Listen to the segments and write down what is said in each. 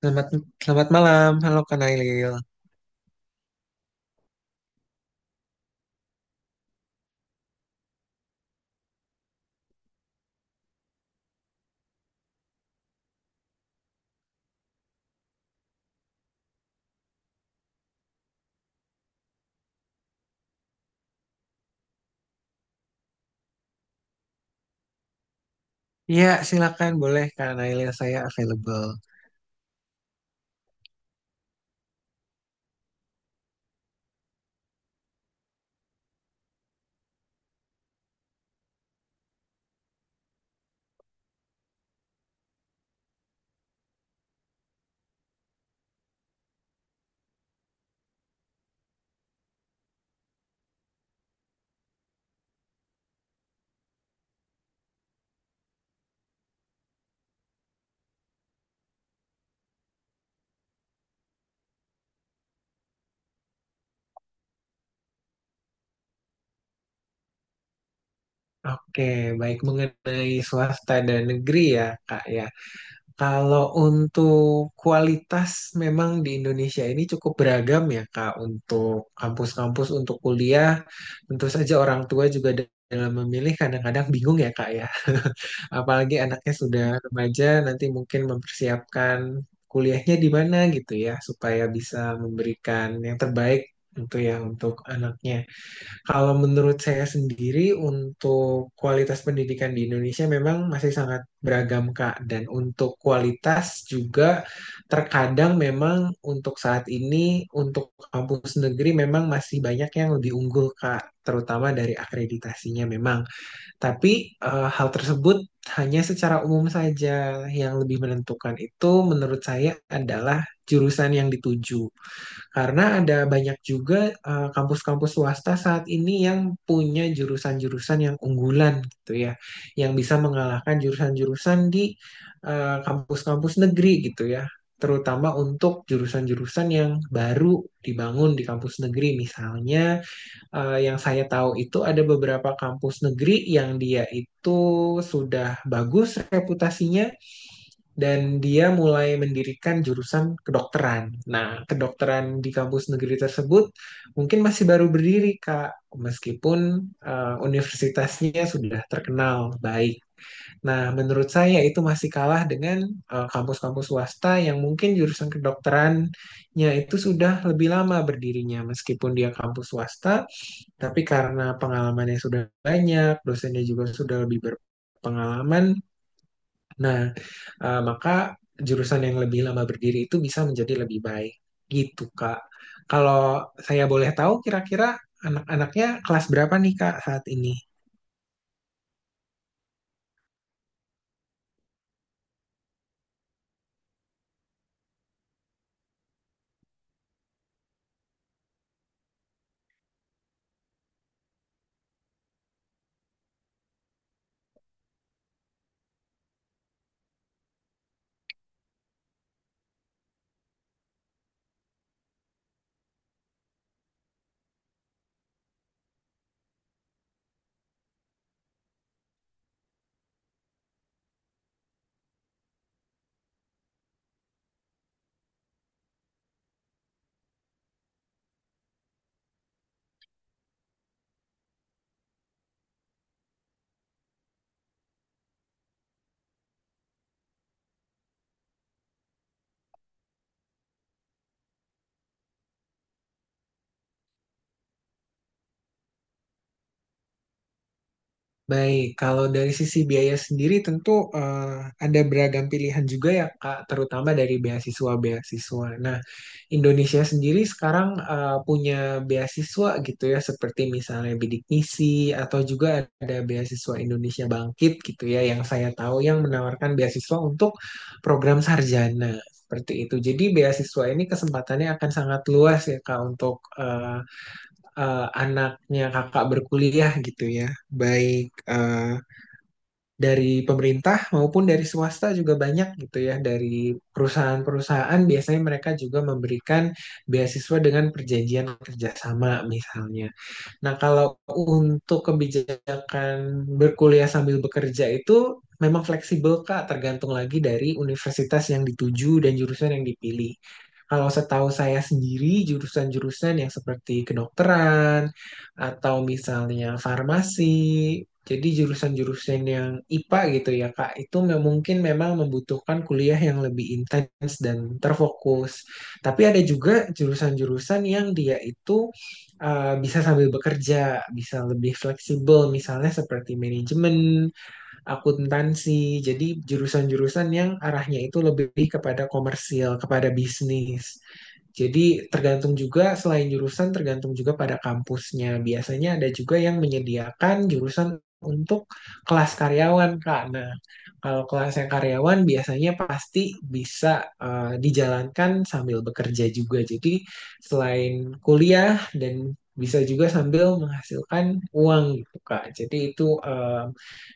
Selamat, selamat malam. Halo Kak Nailil. Iya, silakan boleh Kak Nailil, saya available. Oke, baik mengenai swasta dan negeri ya, Kak ya. Kalau untuk kualitas memang di Indonesia ini cukup beragam ya Kak untuk kampus-kampus untuk kuliah tentu saja orang tua juga dalam memilih kadang-kadang bingung ya Kak ya apalagi anaknya sudah remaja nanti mungkin mempersiapkan kuliahnya di mana gitu ya supaya bisa memberikan yang terbaik untuk ya untuk anaknya. Kalau menurut saya sendiri, untuk kualitas pendidikan di Indonesia memang masih sangat beragam, Kak. Dan untuk kualitas juga terkadang memang untuk saat ini, untuk kampus negeri memang masih banyak yang lebih unggul, Kak. Terutama dari akreditasinya memang. Tapi hal tersebut hanya secara umum saja. Yang lebih menentukan itu menurut saya adalah jurusan yang dituju. Karena ada banyak juga kampus-kampus swasta saat ini yang punya jurusan-jurusan yang unggulan gitu ya, yang bisa mengalahkan jurusan-jurusan di kampus-kampus negeri gitu ya, terutama untuk jurusan-jurusan yang baru dibangun di kampus negeri. Misalnya yang saya tahu itu ada beberapa kampus negeri yang dia itu sudah bagus reputasinya, dan dia mulai mendirikan jurusan kedokteran. Nah, kedokteran di kampus negeri tersebut mungkin masih baru berdiri, Kak, meskipun universitasnya sudah terkenal baik. Nah, menurut saya itu masih kalah dengan kampus-kampus swasta yang mungkin jurusan kedokterannya itu sudah lebih lama berdirinya, meskipun dia kampus swasta, tapi karena pengalamannya sudah banyak, dosennya juga sudah lebih berpengalaman. Nah, maka jurusan yang lebih lama berdiri itu bisa menjadi lebih baik. Gitu, Kak. Kalau saya boleh tahu, kira-kira anak-anaknya kelas berapa nih, Kak, saat ini? Baik, kalau dari sisi biaya sendiri tentu eh, ada beragam pilihan juga ya Kak, terutama dari beasiswa-beasiswa. Nah, Indonesia sendiri sekarang punya beasiswa gitu ya, seperti misalnya Bidik Misi atau juga ada beasiswa Indonesia Bangkit gitu ya, yang saya tahu yang menawarkan beasiswa untuk program sarjana seperti itu. Jadi beasiswa ini kesempatannya akan sangat luas ya Kak untuk anaknya kakak berkuliah gitu ya, baik eh, dari pemerintah maupun dari swasta juga banyak gitu ya, dari perusahaan-perusahaan biasanya mereka juga memberikan beasiswa dengan perjanjian kerjasama misalnya. Nah, kalau untuk kebijakan berkuliah sambil bekerja itu memang fleksibel, Kak, tergantung lagi dari universitas yang dituju dan jurusan yang dipilih. Kalau setahu saya sendiri, jurusan-jurusan yang seperti kedokteran atau misalnya farmasi, jadi jurusan-jurusan yang IPA gitu ya, Kak, itu mungkin memang membutuhkan kuliah yang lebih intens dan terfokus. Tapi ada juga jurusan-jurusan yang dia itu bisa sambil bekerja, bisa lebih fleksibel, misalnya seperti manajemen, akuntansi. Jadi jurusan-jurusan yang arahnya itu lebih kepada komersil, kepada bisnis. Jadi tergantung juga selain jurusan, tergantung juga pada kampusnya. Biasanya ada juga yang menyediakan jurusan untuk kelas karyawan, Kak. Nah, kalau kelas yang karyawan biasanya pasti bisa dijalankan sambil bekerja juga. Jadi selain kuliah dan bisa juga sambil menghasilkan uang gitu, Kak. Jadi itu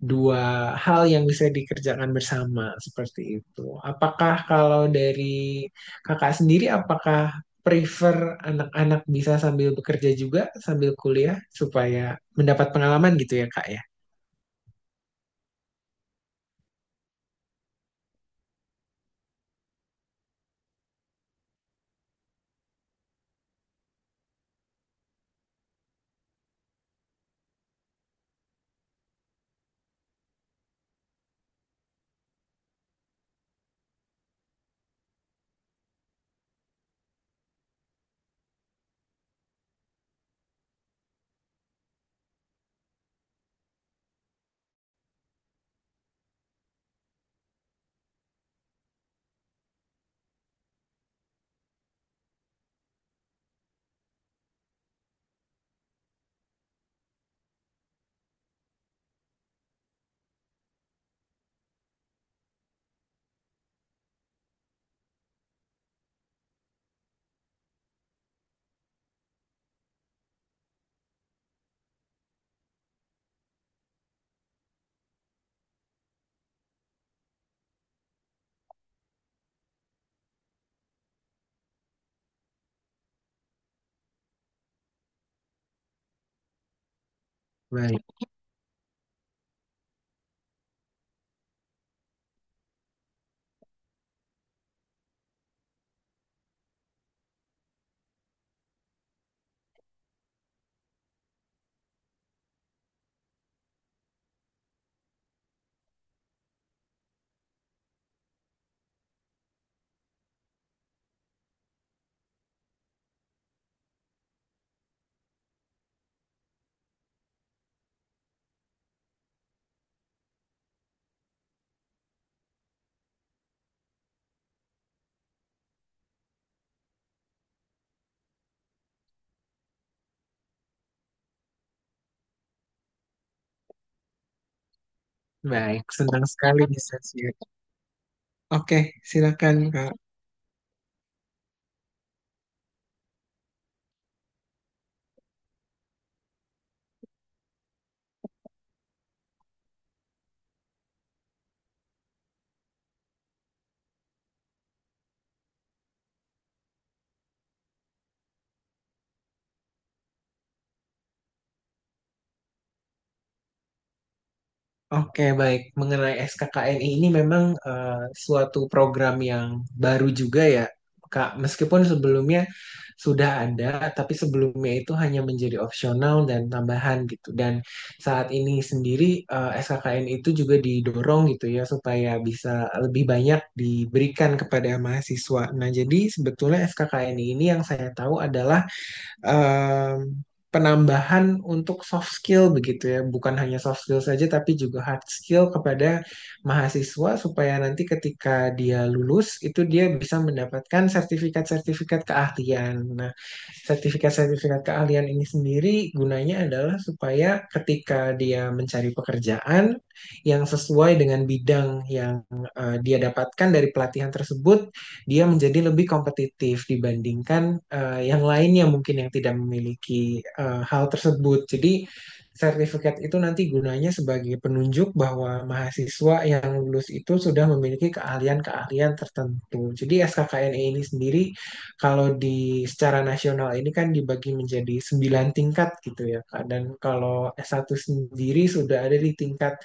dua hal yang bisa dikerjakan bersama seperti itu. Apakah kalau dari kakak sendiri, apakah prefer anak-anak bisa sambil bekerja juga, sambil kuliah, supaya mendapat pengalaman gitu ya, Kak ya? Baik, baik. Senang sekali bisa share. Oke, silakan, Kak. Oke, baik. Mengenai SKKN ini memang suatu program yang baru juga ya, Kak. Meskipun sebelumnya sudah ada, tapi sebelumnya itu hanya menjadi opsional dan tambahan gitu. Dan saat ini sendiri SKKN itu juga didorong gitu ya supaya bisa lebih banyak diberikan kepada mahasiswa. Nah, jadi sebetulnya SKKN ini yang saya tahu adalah em, penambahan untuk soft skill begitu ya, bukan hanya soft skill saja tapi juga hard skill kepada mahasiswa supaya nanti ketika dia lulus itu dia bisa mendapatkan sertifikat-sertifikat keahlian. Nah, sertifikat-sertifikat keahlian ini sendiri gunanya adalah supaya ketika dia mencari pekerjaan yang sesuai dengan bidang yang dia dapatkan dari pelatihan tersebut dia menjadi lebih kompetitif dibandingkan yang lainnya mungkin yang tidak memiliki hal tersebut. Jadi sertifikat itu nanti gunanya sebagai penunjuk bahwa mahasiswa yang lulus itu sudah memiliki keahlian-keahlian tertentu. Jadi SKKNE ini sendiri kalau di secara nasional ini kan dibagi menjadi 9 tingkat gitu ya, Kak. Dan kalau S1 sendiri sudah ada di tingkat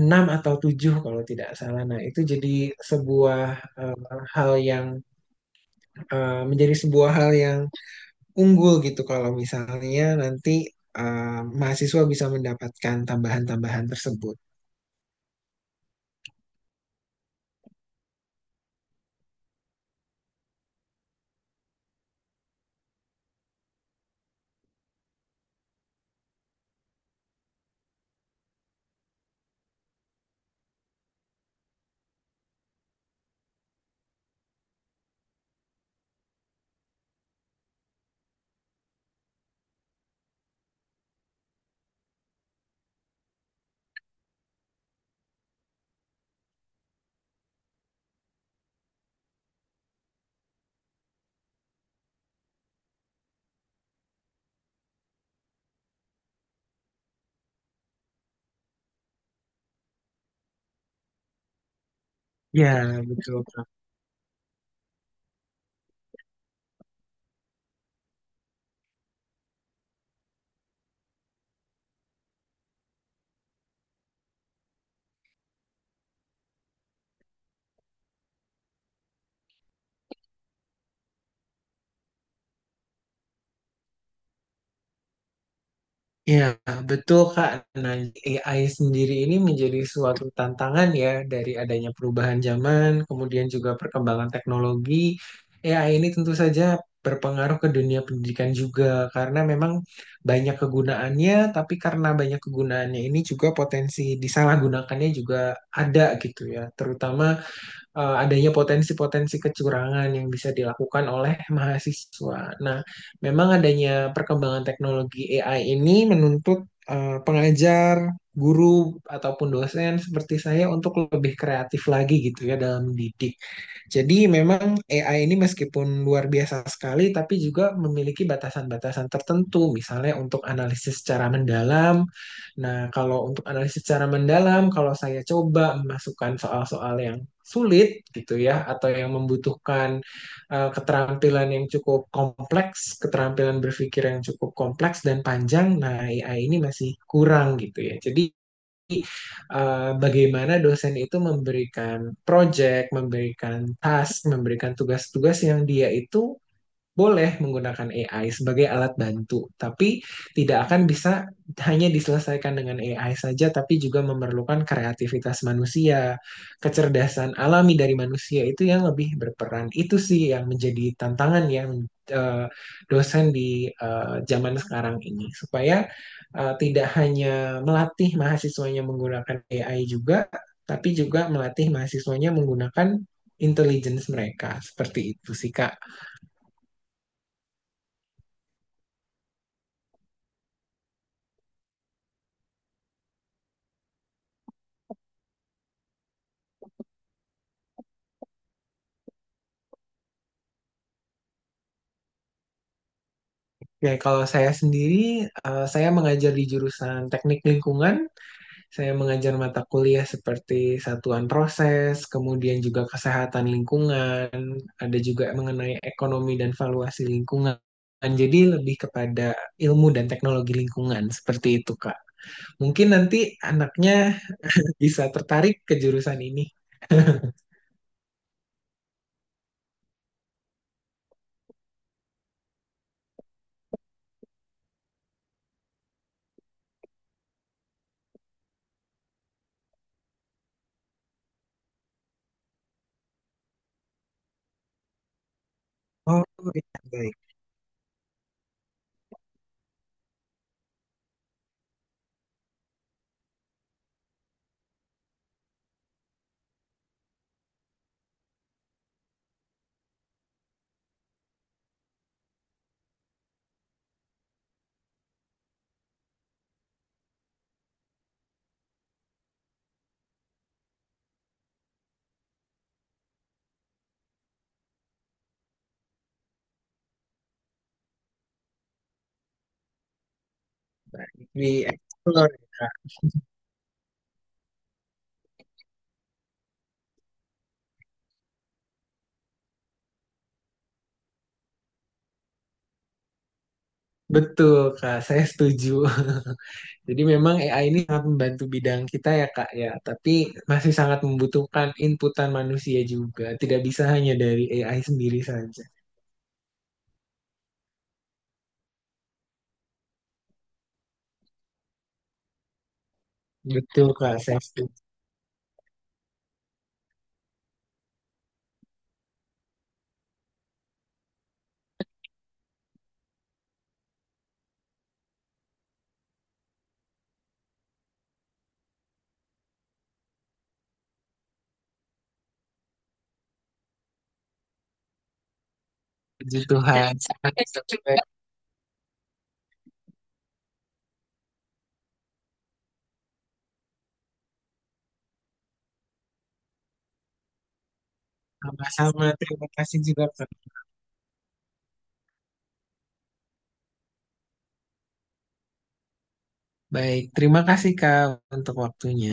6 atau 7 kalau tidak salah. Nah, itu jadi sebuah eh, hal yang menjadi sebuah hal yang unggul gitu kalau misalnya nanti mahasiswa bisa mendapatkan tambahan-tambahan tersebut. Ya, betul. Ya, betul Kak. Nah, AI sendiri ini menjadi suatu tantangan ya dari adanya perubahan zaman, kemudian juga perkembangan teknologi. AI ini tentu saja berpengaruh ke dunia pendidikan juga karena memang banyak kegunaannya, tapi karena banyak kegunaannya ini juga potensi disalahgunakannya juga ada gitu ya. Terutama adanya potensi-potensi kecurangan yang bisa dilakukan oleh mahasiswa. Nah, memang adanya perkembangan teknologi AI ini menuntut pengajar, guru, ataupun dosen seperti saya untuk lebih kreatif lagi gitu ya dalam mendidik. Jadi memang AI ini meskipun luar biasa sekali, tapi juga memiliki batasan-batasan tertentu, misalnya untuk analisis secara mendalam. Nah, kalau untuk analisis secara mendalam, kalau saya coba memasukkan soal-soal yang sulit gitu ya, atau yang membutuhkan keterampilan yang cukup kompleks, keterampilan berpikir yang cukup kompleks dan panjang, nah AI ini masih kurang gitu ya. Jadi bagaimana dosen itu memberikan project, memberikan task, memberikan tugas-tugas yang dia itu boleh menggunakan AI sebagai alat bantu, tapi tidak akan bisa hanya diselesaikan dengan AI saja, tapi juga memerlukan kreativitas manusia, kecerdasan alami dari manusia itu yang lebih berperan. Itu sih yang menjadi tantangan yang eh, dosen di zaman sekarang ini, supaya tidak hanya melatih mahasiswanya menggunakan AI juga, tapi juga melatih mahasiswanya menggunakan intelligence mereka. Seperti itu sih, Kak. Ya, kalau saya sendiri, saya mengajar di jurusan teknik lingkungan. Saya mengajar mata kuliah seperti satuan proses, kemudian juga kesehatan lingkungan, ada juga mengenai ekonomi dan valuasi lingkungan. Jadi lebih kepada ilmu dan teknologi lingkungan, seperti itu, Kak. Mungkin nanti anaknya bisa tertarik ke jurusan ini. Oh, iya, baik. Di explore, Kak. Betul, Kak. Saya setuju. Jadi memang AI ini sangat membantu bidang kita ya Kak ya, tapi masih sangat membutuhkan inputan manusia juga. Tidak bisa hanya dari AI sendiri saja. Betul Kak, saya setuju. Puji Tuhan. Sama-sama, terima kasih juga Kak. Baik, terima kasih Kak untuk waktunya.